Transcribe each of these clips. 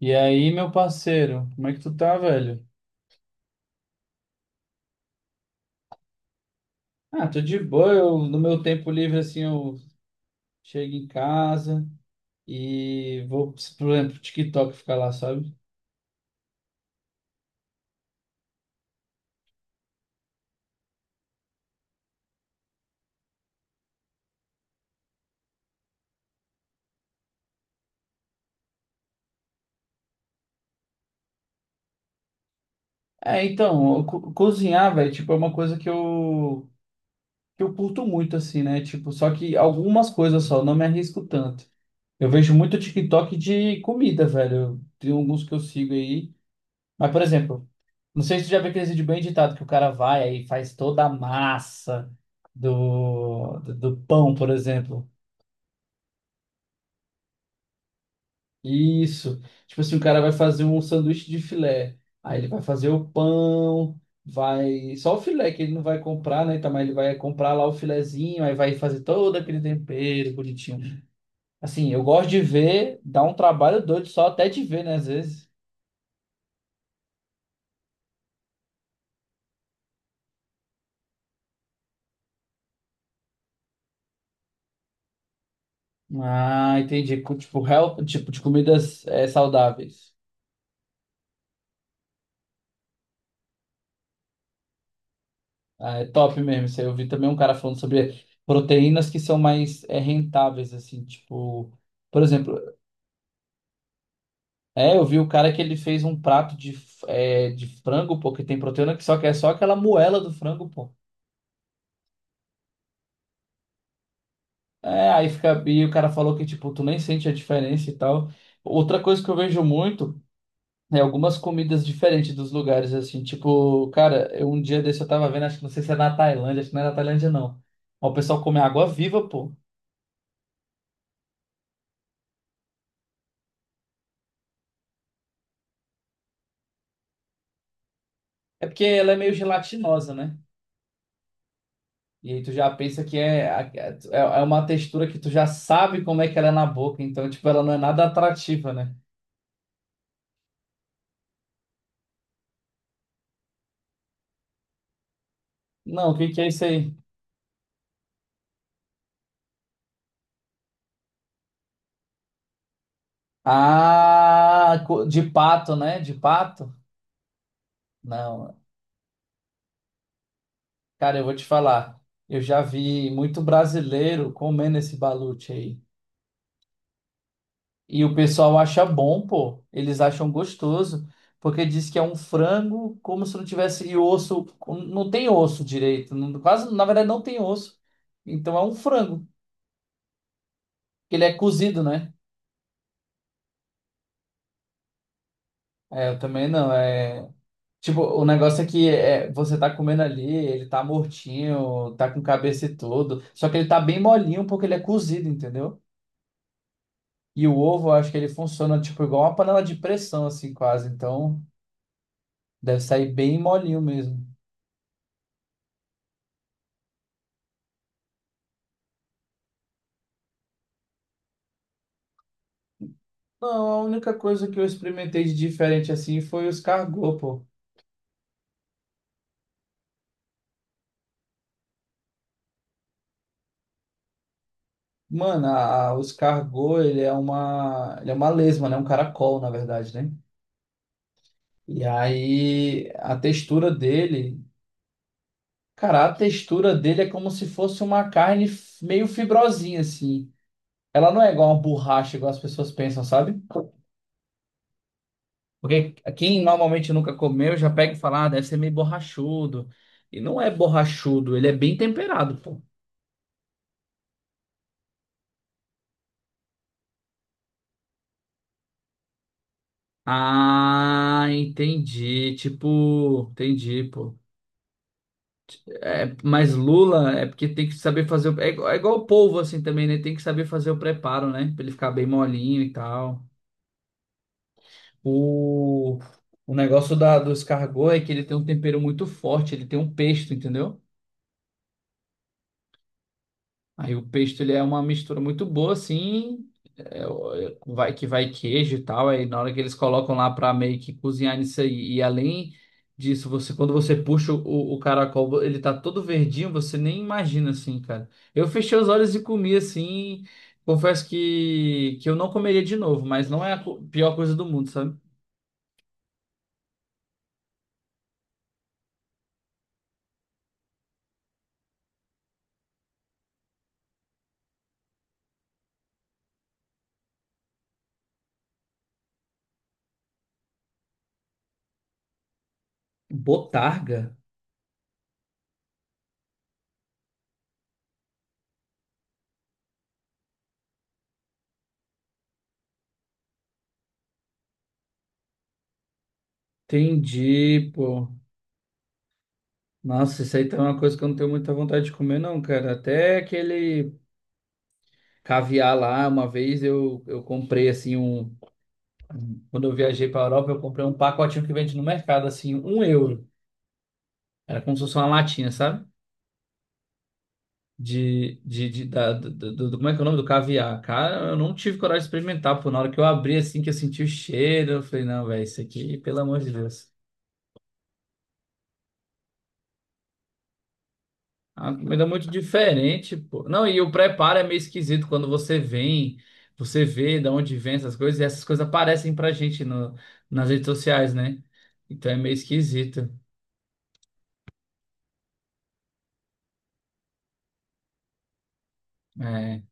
E aí, meu parceiro, como é que tu tá, velho? Ah, tô de boa. Eu, no meu tempo livre, assim, eu chego em casa e vou, por exemplo, pro TikTok ficar lá, sabe? É, então, cozinhar, velho, tipo, é uma coisa que eu curto muito, assim, né? Tipo, só que algumas coisas só, eu não me arrisco tanto. Eu vejo muito TikTok de comida, velho. Tem alguns que eu sigo aí. Mas, por exemplo, não sei se tu já viu aquele vídeo bem editado que o cara vai aí e faz toda a massa do pão, por exemplo. Isso. Tipo assim, o cara vai fazer um sanduíche de filé. Aí ele vai fazer o pão, vai. Só o filé que ele não vai comprar, né? Tá, mas ele vai comprar lá o filezinho, aí vai fazer todo aquele tempero bonitinho. Assim, eu gosto de ver, dá um trabalho doido só até de ver, né? Às vezes. Ah, entendi. Tipo, help, tipo de comidas saudáveis. Ah, é top mesmo. Isso aí. Eu vi também um cara falando sobre proteínas que são mais rentáveis, assim, tipo, por exemplo, é, eu vi o cara que ele fez um prato de, de frango, pô, que tem proteína que é só aquela moela do frango, pô. É, aí fica, e o cara falou que, tipo, tu nem sente a diferença e tal. Outra coisa que eu vejo muito é algumas comidas diferentes dos lugares, assim, tipo, cara, eu, um dia desse eu tava vendo, acho que não sei se é na Tailândia, acho que não é na Tailândia, não. Mas o pessoal come água viva, pô. É porque ela é meio gelatinosa, né? E aí tu já pensa que é, é uma textura que tu já sabe como é que ela é na boca, então, tipo, ela não é nada atrativa, né? Não, o que que é isso aí? Ah, de pato, né? De pato? Não, cara, eu vou te falar. Eu já vi muito brasileiro comendo esse balute aí. E o pessoal acha bom, pô. Eles acham gostoso, porque diz que é um frango como se não tivesse e osso. Não tem osso direito. Quase, na verdade, não tem osso. Então é um frango. Ele é cozido, né? É, eu também não. É... Tipo, o negócio é que é, você tá comendo ali, ele tá mortinho, tá com cabeça e tudo. Só que ele tá bem molinho porque ele é cozido, entendeu? E o ovo, eu acho que ele funciona tipo igual uma panela de pressão, assim, quase. Então, deve sair bem molinho mesmo. Não, a única coisa que eu experimentei de diferente assim foi os cargô, pô. Mano, os cargô, ele é uma lesma, né? Um caracol, na verdade, né? E aí a textura dele, cara, a textura dele é como se fosse uma carne meio fibrosinha, assim. Ela não é igual uma borracha, igual as pessoas pensam, sabe? Porque quem normalmente nunca comeu já pega e fala, ah, deve ser meio borrachudo. E não é borrachudo, ele é bem temperado, pô. Ah, entendi. Tipo, entendi, pô. É, mas lula é porque tem que saber fazer. É, é igual o polvo, assim também, né? Tem que saber fazer o preparo, né? Pra ele ficar bem molinho e tal. O, o negócio da, do escargot é que ele tem um tempero muito forte, ele tem um pesto, entendeu? Aí o pesto ele é uma mistura muito boa, assim, é, vai que vai queijo e tal. Aí na hora que eles colocam lá pra meio que cozinhar nisso aí, e além disso, você quando você puxa o caracol, ele tá todo verdinho, você nem imagina assim, cara. Eu fechei os olhos e comi assim. Confesso que eu não comeria de novo, mas não é a pior coisa do mundo, sabe? Botarga? Entendi, pô. Nossa, isso aí tá uma coisa que eu não tenho muita vontade de comer, não, cara. Até aquele caviar lá, uma vez eu comprei assim um. Quando eu viajei pra Europa, eu comprei um pacotinho que vende no mercado, assim, um euro. Era como se fosse uma latinha, sabe? De- da, do, do- do- como é que é o nome do caviar? Cara, eu não tive coragem de experimentar, pô. Na hora que eu abri, assim, que eu senti o cheiro, eu falei, não, velho, isso aqui, pelo amor de Deus. A comida é muito diferente, pô. Não, e o preparo é meio esquisito quando você vem, você vê de onde vem essas coisas, e essas coisas aparecem pra gente no, nas redes sociais, né? Então é meio esquisito. É.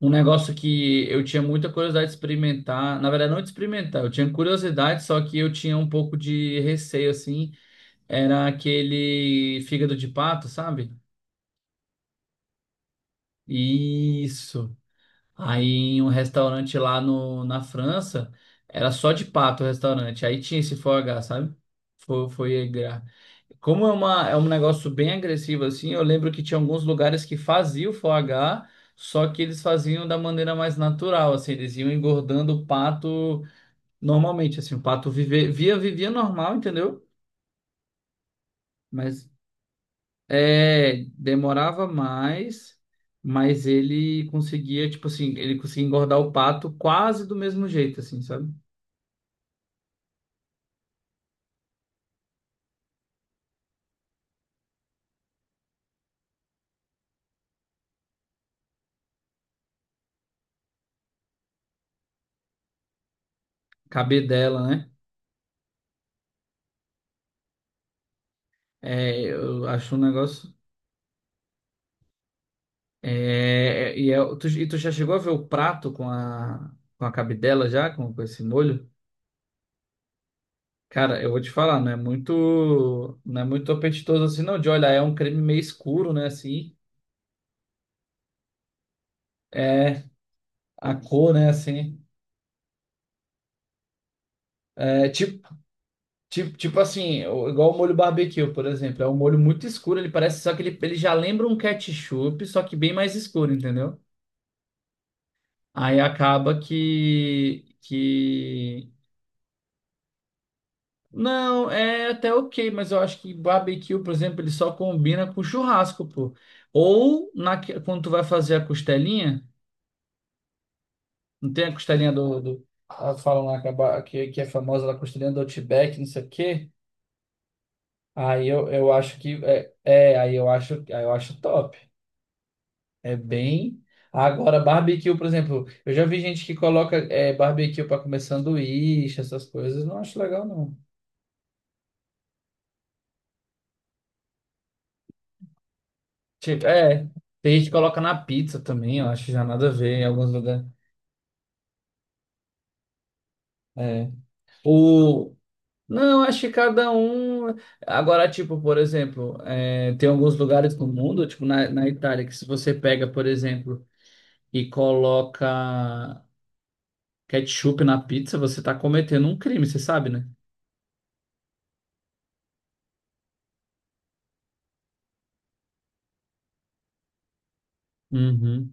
Um negócio que eu tinha muita curiosidade de experimentar, na verdade, não de experimentar, eu tinha curiosidade, só que eu tinha um pouco de receio, assim, era aquele fígado de pato, sabe? Isso. Aí em um restaurante lá no, na França, era só de pato o restaurante. Aí tinha esse foie gras, sabe? Foi, foi aí gra- Como é uma, é um negócio bem agressivo assim, eu lembro que tinha alguns lugares que faziam o foie gras, só que eles faziam da maneira mais natural, assim, eles iam engordando o pato normalmente, assim, o pato vivia normal, entendeu? Mas é, demorava mais, mas ele conseguia, tipo assim, ele conseguia engordar o pato quase do mesmo jeito, assim, sabe? Caber dela, né? É, eu acho um negócio. É, e tu já chegou a ver o prato com a cabidela já, com esse molho? Cara, eu vou te falar, não é muito, não é muito apetitoso assim, não, de olhar, é um creme meio escuro, né, assim. É, a cor, né, assim. É, tipo. Tipo assim, igual o molho barbecue, por exemplo. É um molho muito escuro, ele parece, só que ele já lembra um ketchup, só que bem mais escuro, entendeu? Aí acaba que... Não, é até ok, mas eu acho que barbecue, por exemplo, ele só combina com churrasco, pô. Ou quando tu vai fazer a costelinha, não tem a costelinha do... do... Elas falam lá que, que é famosa, a costelinha do Outback, não sei o quê. Aí eu acho que... aí eu acho top. É bem. Agora, barbecue, por exemplo, eu já vi gente que coloca barbecue para comer sanduíche, essas coisas, não acho legal, não. Tipo, é, tem gente que coloca na pizza também, eu acho já nada a ver em alguns lugares. É. O... Não, acho que cada um. Agora, tipo, por exemplo, é, tem alguns lugares no mundo, tipo na, na Itália, que se você pega, por exemplo, e coloca ketchup na pizza, você tá cometendo um crime, você sabe, né? Uhum.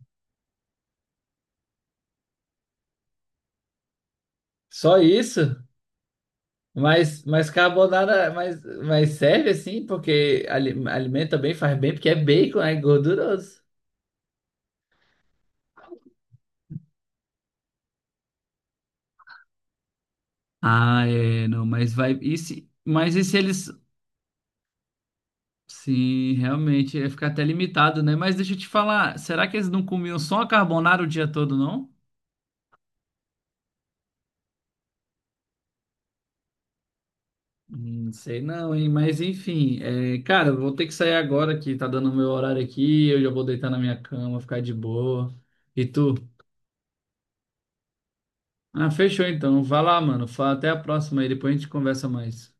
Só isso? Mas carbonara, mas serve assim, porque alimenta bem, faz bem, porque é bacon, é gorduroso. Ah, é, não, mas vai. E se, mas e se eles. Sim, realmente, ia ficar até limitado, né? Mas deixa eu te falar, será que eles não comiam só a carbonara o dia todo, não? Não sei não, hein? Mas enfim, é, cara, eu vou ter que sair agora que tá dando o meu horário aqui, eu já vou deitar na minha cama, ficar de boa. E tu? Ah, fechou então. Vai lá, mano. Fala, até a próxima aí, depois a gente conversa mais.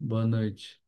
Boa noite.